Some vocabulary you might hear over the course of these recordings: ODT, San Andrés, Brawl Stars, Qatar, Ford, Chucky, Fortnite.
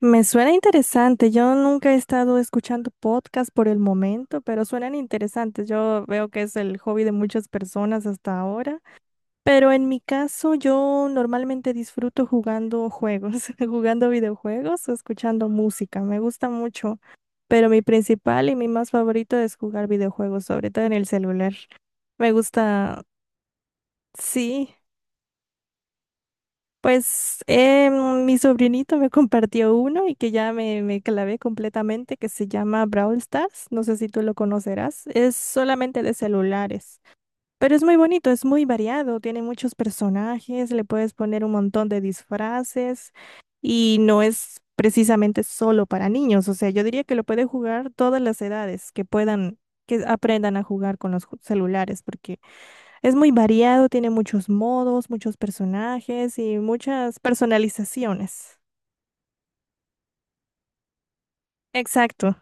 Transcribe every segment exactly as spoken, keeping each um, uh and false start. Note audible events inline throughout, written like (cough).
Me suena interesante. Yo nunca he estado escuchando podcast por el momento, pero suenan interesantes. Yo veo que es el hobby de muchas personas hasta ahora. Pero en mi caso, yo normalmente disfruto jugando juegos, (laughs) jugando videojuegos o escuchando música. Me gusta mucho, pero mi principal y mi más favorito es jugar videojuegos, sobre todo en el celular. Me gusta, sí. Pues eh, mi sobrinito me compartió uno y que ya me, me clavé completamente, que se llama Brawl Stars. No sé si tú lo conocerás. Es solamente de celulares, pero es muy bonito, es muy variado, tiene muchos personajes, le puedes poner un montón de disfraces y no es precisamente solo para niños. O sea, yo diría que lo puede jugar todas las edades que puedan, que aprendan a jugar con los ju- celulares, porque es muy variado, tiene muchos modos, muchos personajes y muchas personalizaciones. Exacto.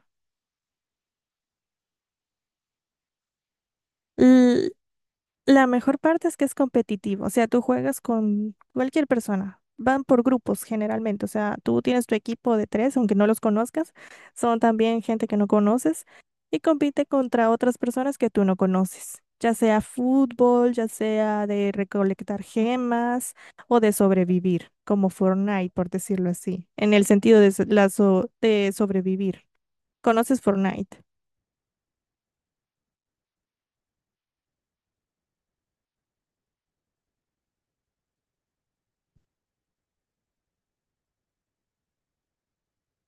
La mejor parte es que es competitivo, o sea, tú juegas con cualquier persona, van por grupos generalmente, o sea, tú tienes tu equipo de tres, aunque no los conozcas, son también gente que no conoces y compite contra otras personas que tú no conoces, ya sea fútbol, ya sea de recolectar gemas o de sobrevivir, como Fortnite, por decirlo así, en el sentido de, so- la so- de sobrevivir. ¿Conoces Fortnite?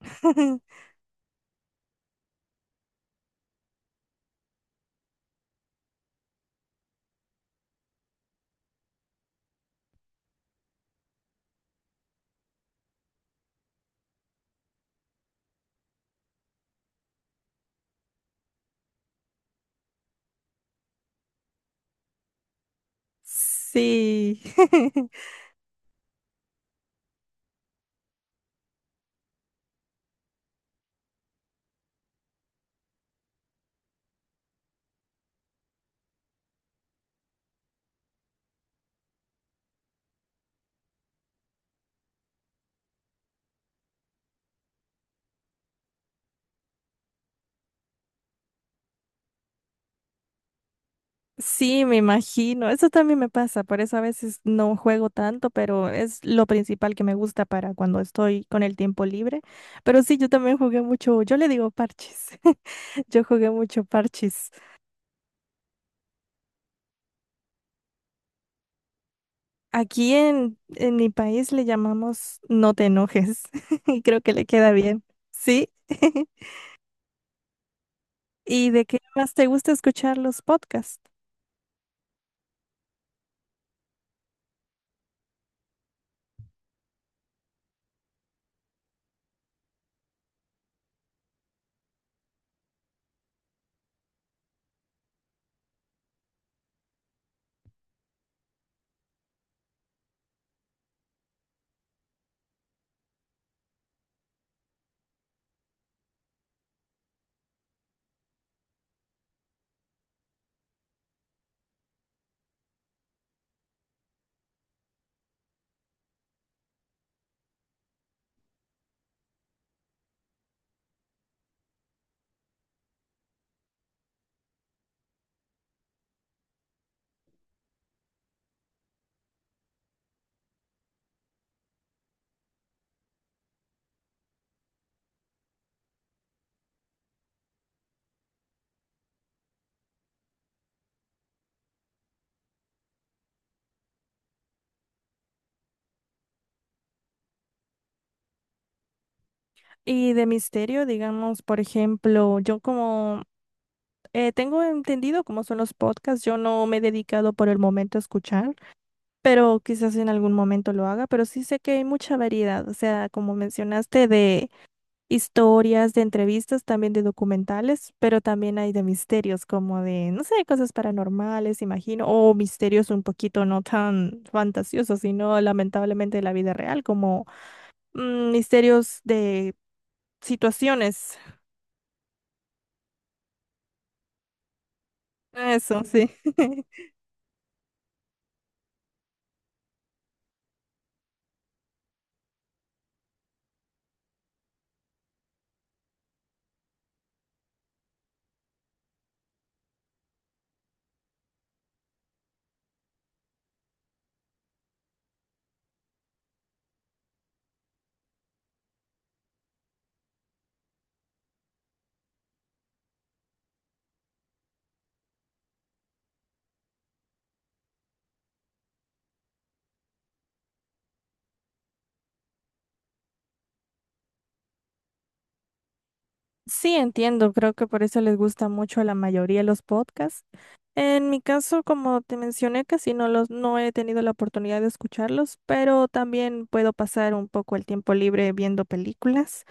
(laughs) Sí. (laughs) Sí, me imagino. Eso también me pasa, por eso a veces no juego tanto, pero es lo principal que me gusta para cuando estoy con el tiempo libre. Pero sí, yo también jugué mucho, yo le digo parches, (laughs) yo jugué mucho parches. Aquí en, en mi país le llamamos no te enojes (laughs) y creo que le queda bien. Sí. (laughs) ¿Y de qué más te gusta escuchar los podcasts? Y de misterio, digamos, por ejemplo, yo como… Eh, tengo entendido cómo son los podcasts. Yo no me he dedicado por el momento a escuchar, pero quizás en algún momento lo haga. Pero sí sé que hay mucha variedad. O sea, como mencionaste, de historias, de entrevistas, también de documentales, pero también hay de misterios, como de, no sé, cosas paranormales, imagino, o misterios un poquito no tan fantasiosos, sino lamentablemente de la vida real, como mm, misterios de situaciones. Eso, sí. (laughs) Sí, entiendo, creo que por eso les gusta mucho a la mayoría los podcasts. En mi caso, como te mencioné, casi no los, no he tenido la oportunidad de escucharlos, pero también puedo pasar un poco el tiempo libre viendo películas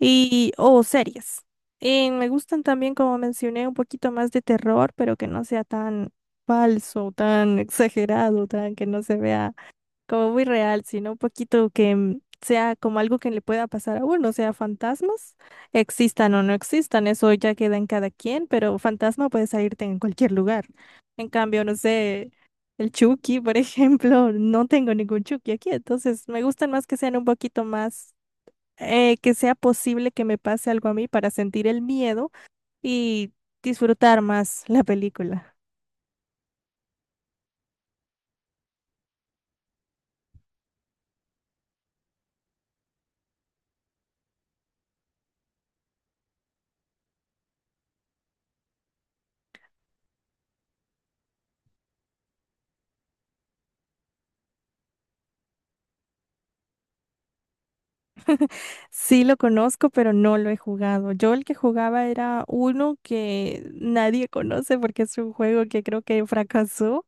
y o series. Y me gustan también, como mencioné, un poquito más de terror, pero que no sea tan falso, tan (laughs) exagerado, tan que no se vea como muy real, sino un poquito que mm, sea como algo que le pueda pasar a uno, o sea, fantasmas, existan o no existan, eso ya queda en cada quien, pero fantasma puede salirte en cualquier lugar. En cambio, no sé, el Chucky, por (laughs) ejemplo, no tengo ningún Chucky aquí, entonces me gustan más que sean un poquito más, eh, que sea posible que me pase algo a mí para sentir el miedo y disfrutar más la película. Sí lo conozco, pero no lo he jugado. Yo el que jugaba era uno que nadie conoce porque es un juego que creo que fracasó,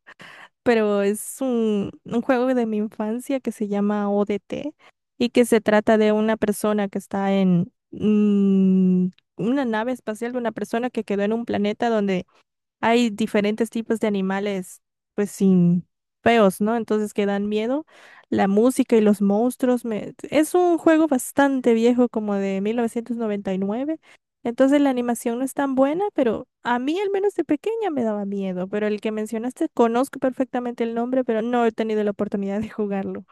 pero es un, un juego de mi infancia que se llama O D T y que se trata de una persona que está en mm, una nave espacial, de una persona que quedó en un planeta donde hay diferentes tipos de animales, pues sin feos, ¿no? Entonces que dan miedo. La música y los monstruos, me… es un juego bastante viejo, como de mil novecientos noventa y nueve. Entonces la animación no es tan buena, pero a mí al menos de pequeña me daba miedo. Pero el que mencionaste, conozco perfectamente el nombre, pero no he tenido la oportunidad de jugarlo.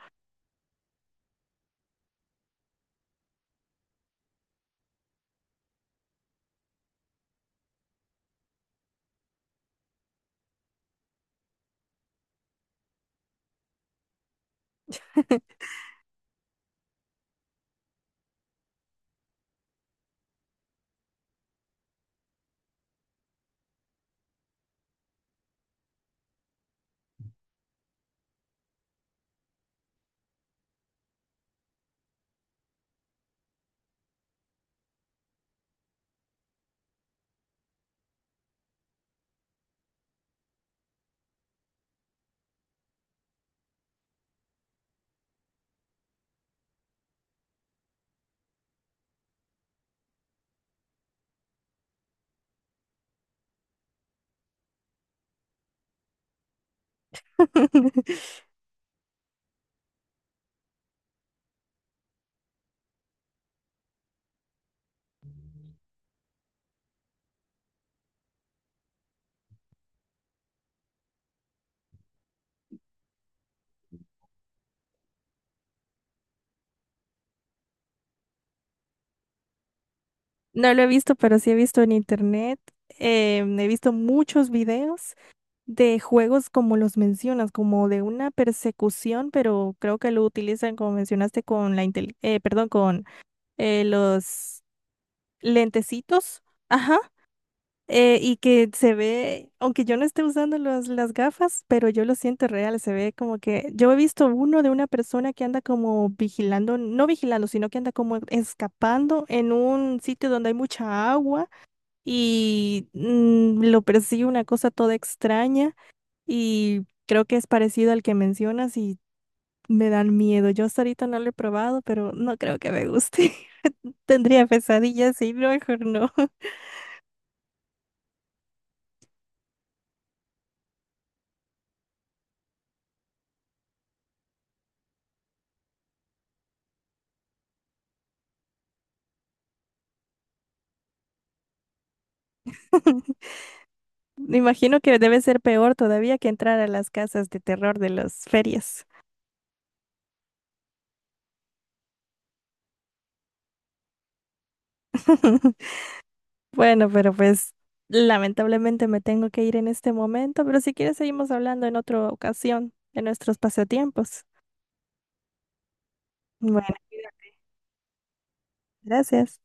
(laughs) No lo he visto, pero sí he visto en internet. Em, he visto muchos videos de juegos como los mencionas, como de una persecución, pero creo que lo utilizan, como mencionaste, con la intel- eh, perdón, con eh, los lentecitos, ajá, eh, y que se ve, aunque yo no esté usando los, las gafas, pero yo lo siento real. Se ve como que yo he visto uno de una persona que anda como vigilando, no vigilando, sino que anda como escapando en un sitio donde hay mucha agua y mm, lo persigue una cosa toda extraña. Y creo que es parecido al que mencionas y me dan miedo. Yo hasta ahorita no lo he probado, pero no creo que me guste. (laughs) Tendría pesadillas y no, mejor no. (laughs) Me imagino que debe ser peor todavía que entrar a las casas de terror de las ferias. (laughs) Bueno, pero pues lamentablemente me tengo que ir en este momento, pero si quieres seguimos hablando en otra ocasión de nuestros pasatiempos. Bueno, gracias.